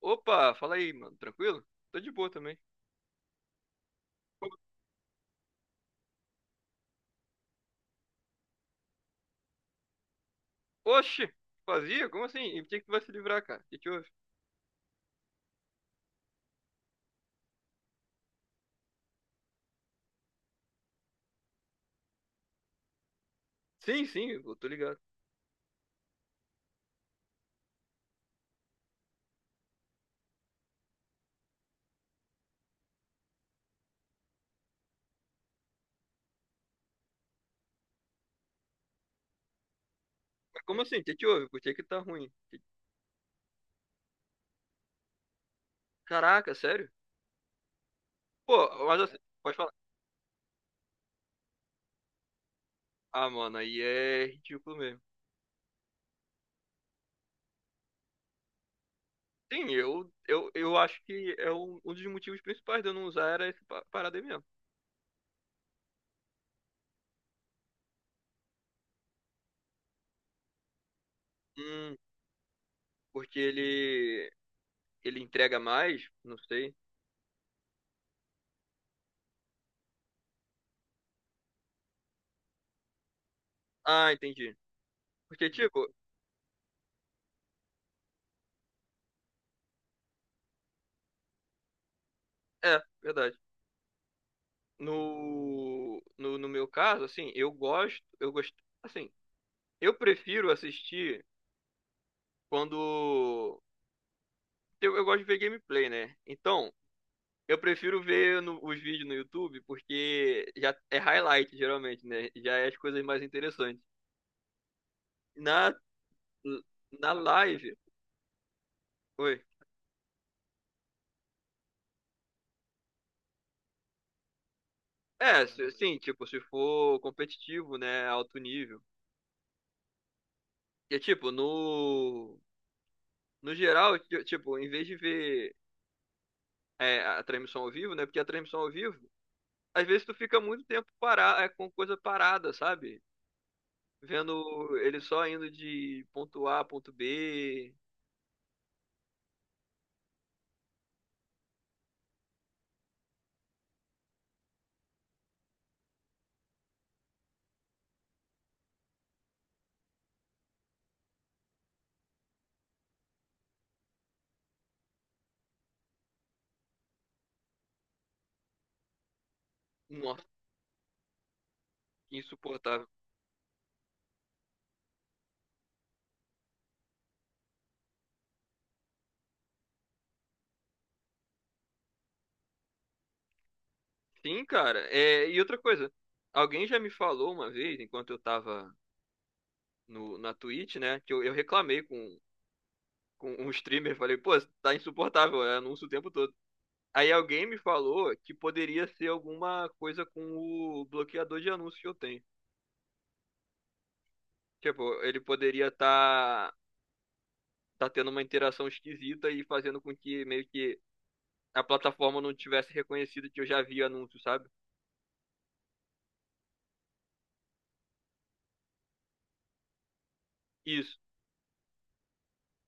Opa, fala aí, mano. Tranquilo? Tô de boa também. Oxi, fazia? Como assim? E por que que tu vai se livrar, cara? O que te houve? Sim, sim, eu tô ligado. Mas como assim? O que te houve? Por que que tá ruim? Caraca, sério? Pô, mas assim, pode falar. Ah, mano, aí é ridículo mesmo. Sim, eu acho que é um dos motivos principais de eu não usar era esse parada aí mesmo. Hum, Porque ele entrega mais? Não sei. Ah, entendi. Porque, tipo, é, verdade. No meu caso, assim, eu gosto, assim, eu prefiro assistir quando eu gosto de ver gameplay, né? Então, eu prefiro ver os vídeos no YouTube porque já é highlight geralmente, né? Já é as coisas mais interessantes. Na na live, oi. É, sim, tipo, se for competitivo, né, alto nível. E tipo, no geral, tipo, em vez de ver a transmissão ao vivo, né? Porque a transmissão ao vivo às vezes tu fica muito tempo parado, com coisa parada, sabe? Vendo ele só indo de ponto A a ponto B. Nossa, que insuportável. Sim, cara. É, e outra coisa, alguém já me falou uma vez, enquanto eu tava no, na Twitch, né? Que eu reclamei com um streamer, falei, pô, tá insuportável, é anúncio o tempo todo. Aí alguém me falou que poderia ser alguma coisa com o bloqueador de anúncios que eu tenho. Tipo, ele poderia estar tá tendo uma interação esquisita e fazendo com que meio que a plataforma não tivesse reconhecido que eu já vi anúncio, sabe? Isso.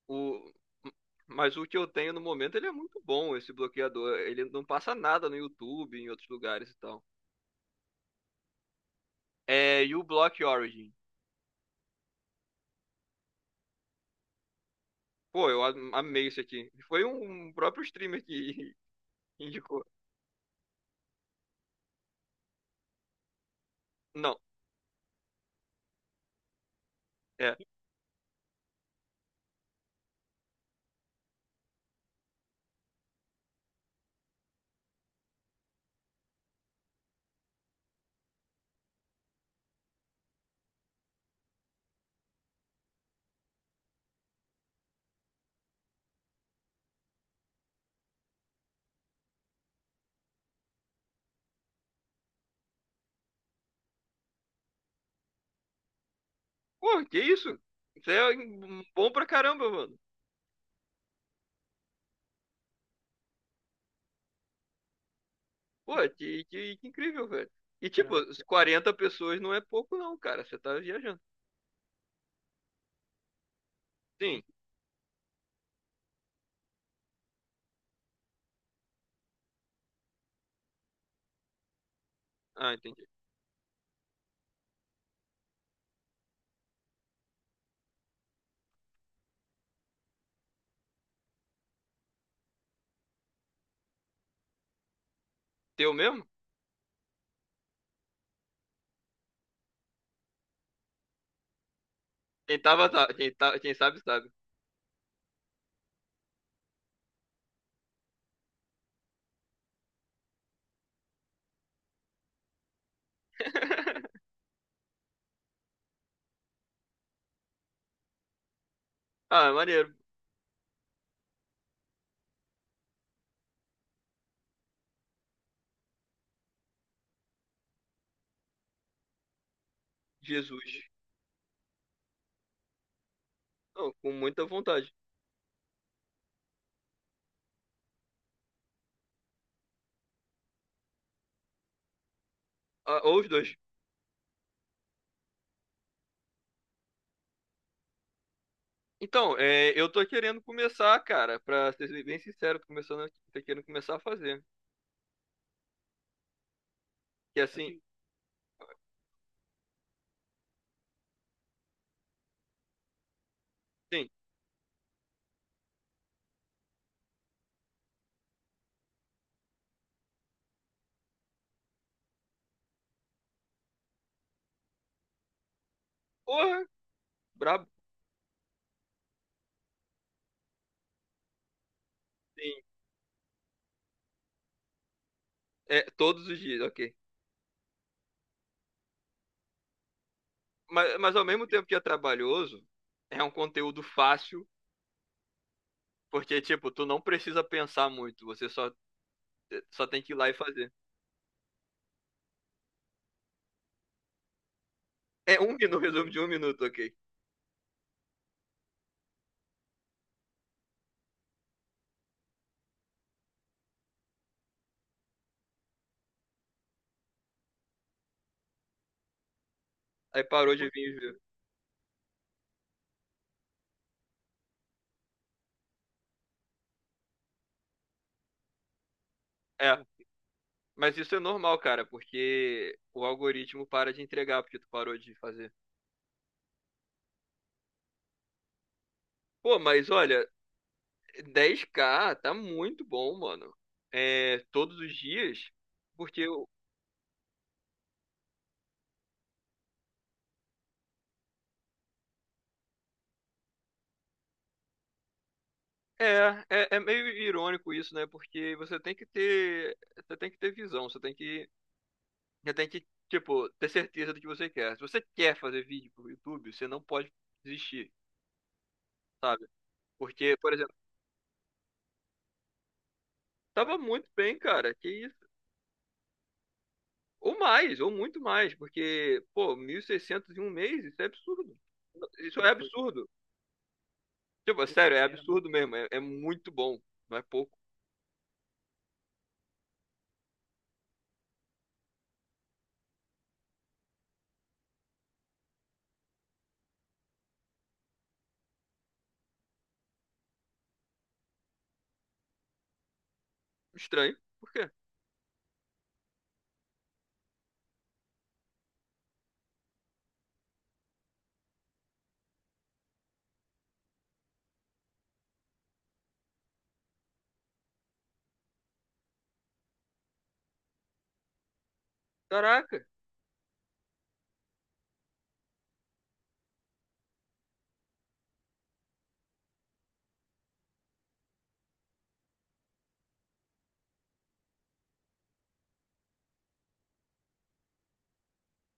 O... Mas o que eu tenho no momento, ele é muito bom, esse bloqueador. Ele não passa nada no YouTube, em outros lugares e tal. É, e o Block Origin. Pô, amei isso aqui. Foi um próprio streamer que indicou. Não, é. Pô, que isso? Isso é um bom pra caramba, mano. Pô, que incrível, velho. E, tipo, Não. 40 pessoas não é pouco, não, cara. Você tá viajando. Sim. Ah, entendi. Teu mesmo? Quem tava, tá, quem sabe, sabe. Ah, maneiro. Jesus. Não, com muita vontade. Ah, ou os dois. Então, eu tô querendo começar, cara, pra ser bem sincero, tô começando, tô querendo começar a fazer. Que assim, sim. Porra, brabo. Sim. É, todos os dias, ok. Mas ao mesmo tempo que é trabalhoso, é um conteúdo fácil. Porque, tipo, tu não precisa pensar muito, você só, só tem que ir lá e fazer. É um minuto, resumo de um minuto, ok. Aí parou de vir e viu. É, mas isso é normal, cara, porque o algoritmo para de entregar porque tu parou de fazer. Pô, mas olha, 10K tá muito bom, mano. É, todos os dias, porque é meio irônico isso, né? Porque você tem que ter, você tem que ter visão, você tem que já tem que, tipo, ter certeza do que você quer. Se você quer fazer vídeo pro YouTube, você não pode desistir, sabe? Porque, por exemplo, tava muito bem, cara. Que isso? Ou mais, ou muito mais. Porque, pô, 1.600 em um mês, isso é absurdo. Isso é absurdo. Tipo, é sério, é absurdo mesmo. É muito bom. Não é pouco. Estranho. Por quê? Caraca,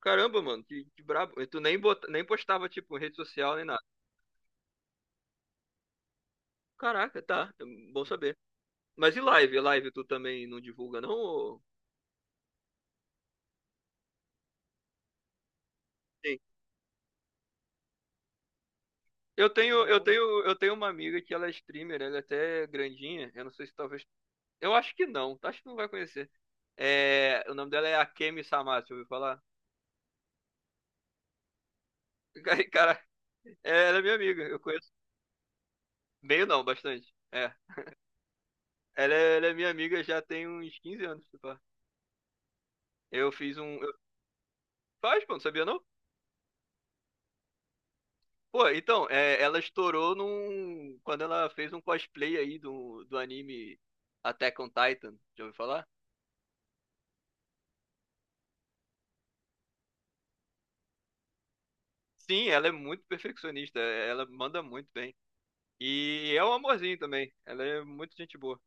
caramba, mano, que brabo. E tu nem, nem postava, tipo, em rede social nem nada. Caraca, tá. Bom saber. Mas e live? Live tu também não divulga, não? Sim. Eu tenho uma amiga que ela é streamer, ela é até grandinha. Eu não sei se talvez. Eu acho que não, tá? Acho que não vai conhecer. É, o nome dela é Akemi Samasu, ouviu falar? Cara, ela é minha amiga, eu conheço. Meio não, bastante. É. Ela é minha amiga já tem uns 15 anos, se pá. Eu fiz um. Faz, pô, não sabia não? Pô, então, ela estourou num. Quando ela fez um cosplay aí do anime Attack on Titan, já ouviu falar? Sim, ela é muito perfeccionista, ela manda muito bem. E é um amorzinho também. Ela é muito gente boa.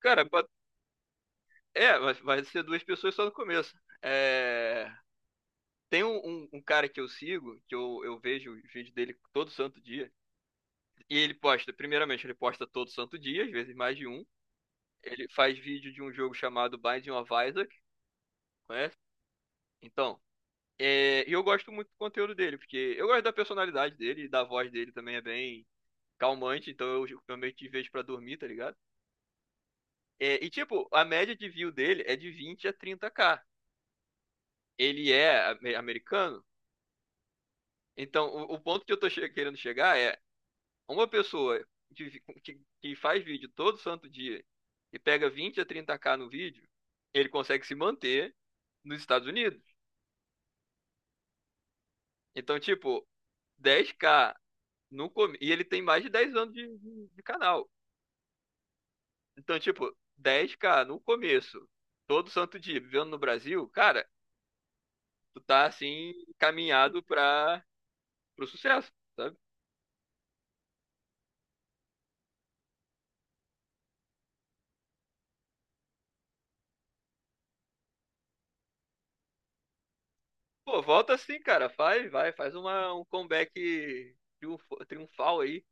Cara, vai ser duas pessoas só no começo. É, tem um cara que eu sigo, que eu vejo os vídeos dele todo santo dia. E ele posta, primeiramente, ele posta todo santo dia, às vezes mais de um. Ele faz vídeo de um jogo chamado Binding of Isaac, conhece? Então, e eu gosto muito do conteúdo dele, porque eu gosto da personalidade dele e da voz dele também é bem calmante, então eu meio que vejo pra dormir, tá ligado? É, e, tipo, a média de view dele é de 20 a 30K. Ele é americano. Então, o ponto que eu tô querendo chegar é uma pessoa que faz vídeo todo santo dia e pega 20 a 30K no vídeo, ele consegue se manter nos Estados Unidos. Então, tipo, 10K no começo. E ele tem mais de 10 anos de canal. Então, tipo, dez k no começo, todo santo dia, vivendo no Brasil, cara, tu tá assim, caminhado pra pro sucesso, sabe? Pô, volta assim, cara. Faz, vai, faz um comeback triunfal aí.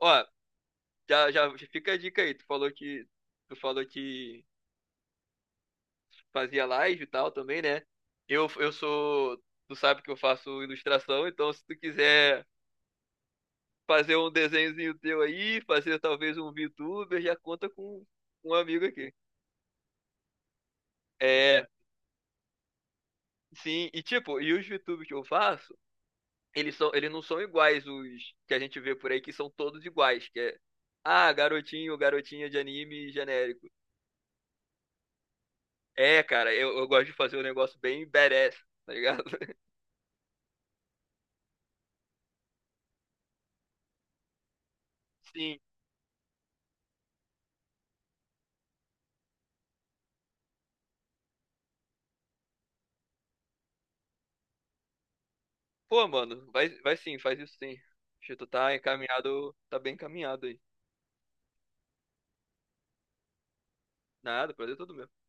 Ó, já fica a dica aí. Tu falou que fazia live e tal também, né? Eu, eu sou, tu sabe que eu faço ilustração, então se tu quiser fazer um desenhozinho teu aí, fazer talvez um VTuber, já conta com um amigo aqui. É, sim, e tipo, e os VTubers que eu faço, eles não são iguais os que a gente vê por aí, que são todos iguais, que é ah, garotinho, garotinha de anime genérico. É, cara, eu gosto de fazer um negócio bem badass, tá ligado? Sim. Pô, mano, vai, vai sim, faz isso sim. Acho que tu tá encaminhado, tá bem encaminhado aí. Nada, prazer é todo meu.